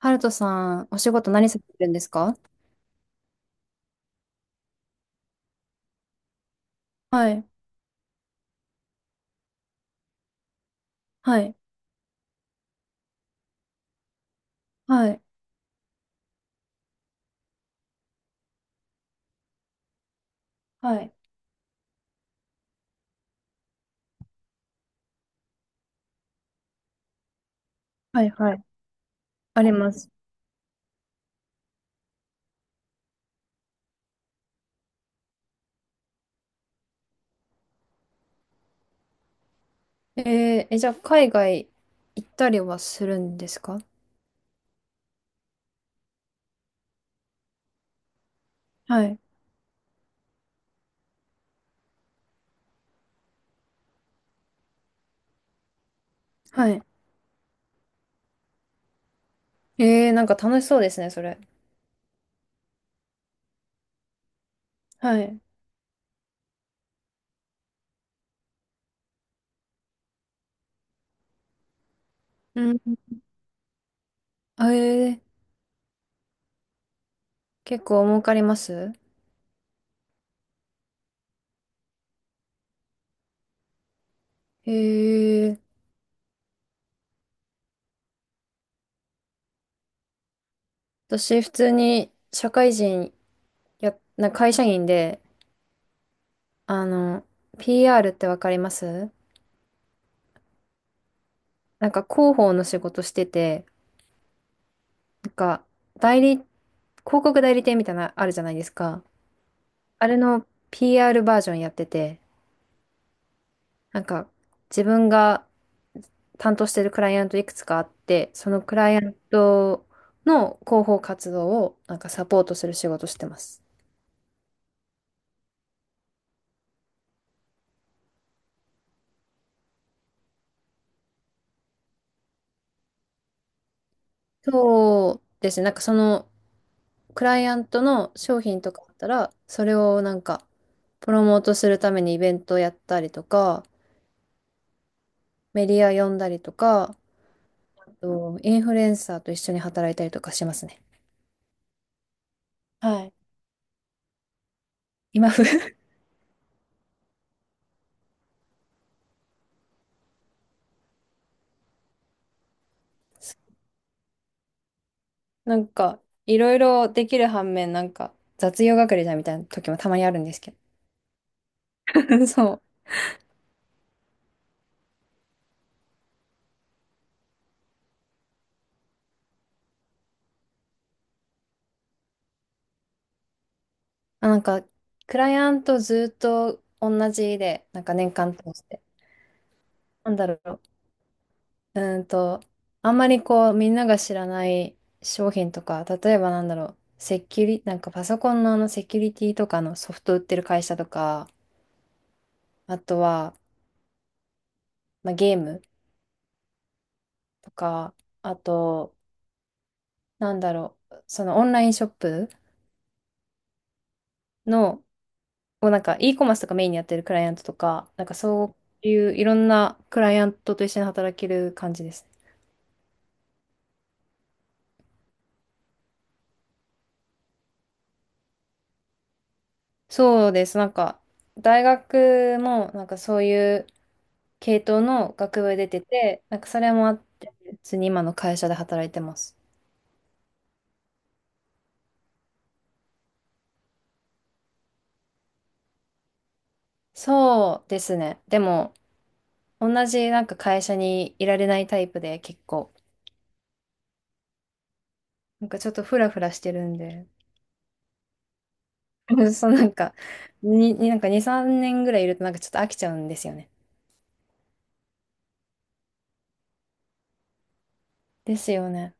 ハルトさん、お仕事何されてるんですか？はい、はい、はい、はい、はい、はい、あります。え、じゃあ、海外行ったりはするんですか？はい、はい。えー、なんか楽しそうですね、それ。はい。うん。あえー、結構儲かりますえー、私、普通に社会人や、な会社員で、あの、PR ってわかりますなんか広報の仕事してて、なんか、代理広告代理店みたいな、あるじゃないですか。あれの PR バージョンやってて、なんか、自分が担当してるクライアントいくつかあって、そのクライアントの広報活動を、なんかサポートする仕事してます。そうですね。なんかそのクライアントの商品とかあったら、それをなんかプロモートするためにイベントやったりとか、メディア呼んだりとか、あとインフルエンサーと一緒に働いたりとかしますね。はい。今風。なんか、いろいろできる反面、なんか、雑用係じゃんみたいな時もたまにあるんですけど。そう。あ、なんか、クライアントずっと同じで、なんか年間通して。なんだろう。うーんと、あんまりこう、みんなが知らない商品とか、例えばなんだろう、セキュリ、なんかパソコンのあのセキュリティとかのソフト売ってる会社とか、あとは、まあ、ゲームとか、あと、なんだろう、そのオンラインショップの、をなんか e コマースとかメインにやってるクライアントとか、なんかそういういろんなクライアントと一緒に働ける感じですね。そうです。なんか大学もなんかそういう系統の学部出てて、なんかそれもあって、普通に今の会社で働いてます。そうですね。でも同じなんか会社にいられないタイプで結構、なんかちょっとフラフラしてるんで、そうなんか、になんか2、3年ぐらいいるとなんかちょっと飽きちゃうんですよね。ですよね。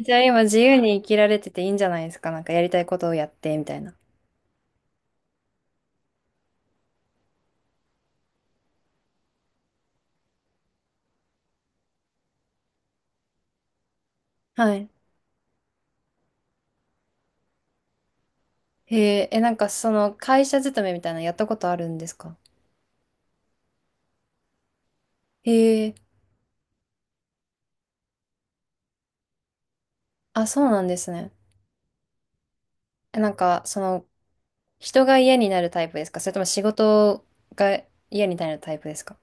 じゃあ今自由に生きられてていいんじゃないですか。なんかやりたいことをやって、みたいな。はい。へえ、え、なんかその会社勤めみたいなのやったことあるんですか？へえ、あ、そうなんですね。え、なんかその人が嫌になるタイプですか、それとも仕事が嫌になるタイプですか？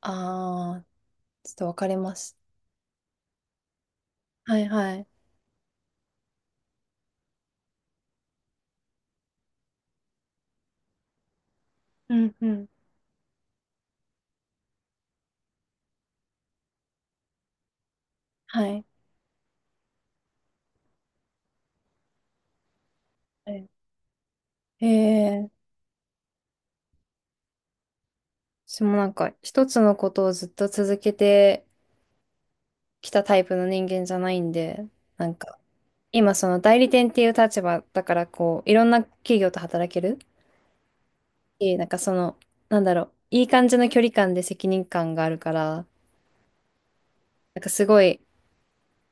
ああー、ちょっとわかります。はいはい。うんうん。はい。はい。へえ、私もなんか一つのことをずっと続けてきたタイプの人間じゃないんで、なんか今その代理店っていう立場だからこういろんな企業と働けるし、なんかその、なんだろう、いい感じの距離感で責任感があるから、なんかすごい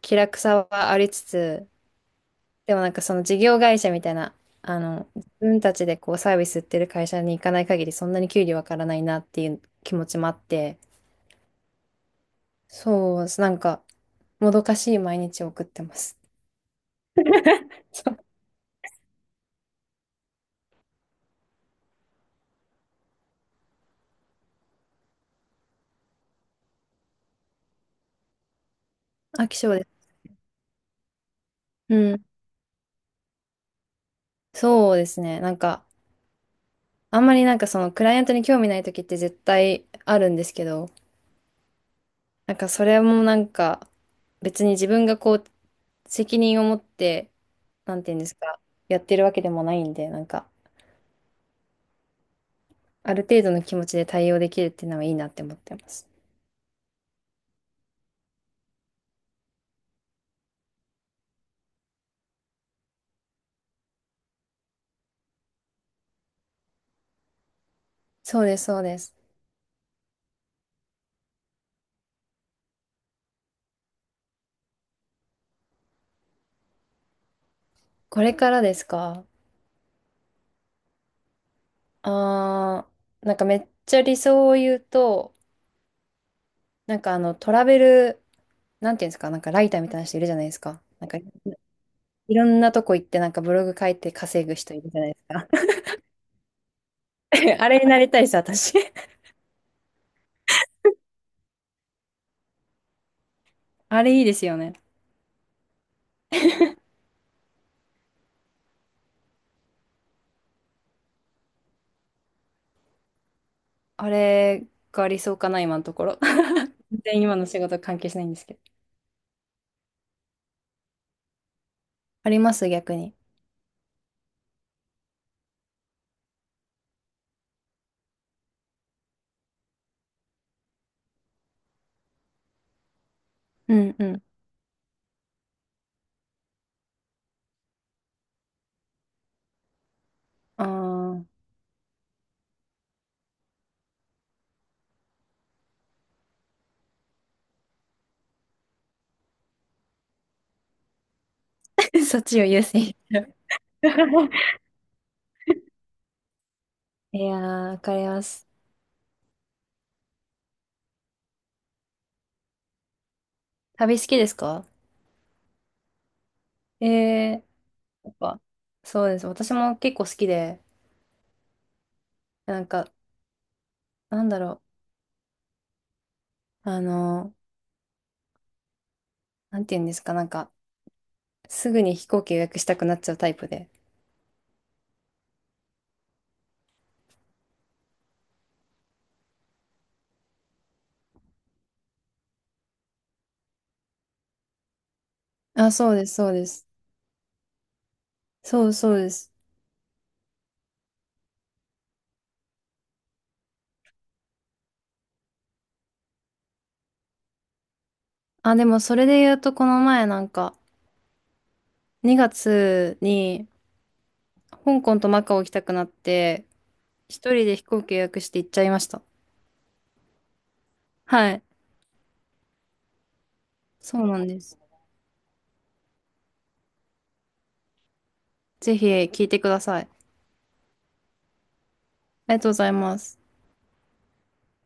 気楽さはありつつ、でもなんかその事業会社みたいな、あの自分たちでこうサービス売ってる会社に行かない限りそんなに給料わからないなっていう気持ちもあって、そうなんか、もどかしい毎日を送ってます。そう、飽き性です。うん。そうですね。なんかあんまりなんかそのクライアントに興味ない時って絶対あるんですけど、なんかそれもなんか別に自分がこう責任を持って、なんていうんですか、やってるわけでもないんで、なんかある程度の気持ちで対応できるっていうのはいいなって思ってます。そうです、そうです。これからですか？あー、なんかめっちゃ理想を言うと、なんかあのトラベル、なんていうんですか、なんかライターみたいな人いるじゃないですか。なんかいろんなとこ行ってなんかブログ書いて稼ぐ人いるじゃないですか。え、あれになりたいです私。あれいいですよね。あれが理想かな、今のところ。全然今の仕事関係しないんですけど、あります逆に。うんうん。ああ、そっちを優先。ど。いやー、わかります。旅好きですか？えー、やっぱ、そうです。私も結構好きで、なんか、なんだろう。なんて言うんですか、なんか、すぐに飛行機予約したくなっちゃうタイプで。あ、そうです、そうです。そうそうです。あ、でもそれで言うと、この前なんか、2月に香港とマカオ行きたくなって、一人で飛行機予約して行っちゃいました。はい。そうなんです。ぜひ聞いてください。ありがとうございます。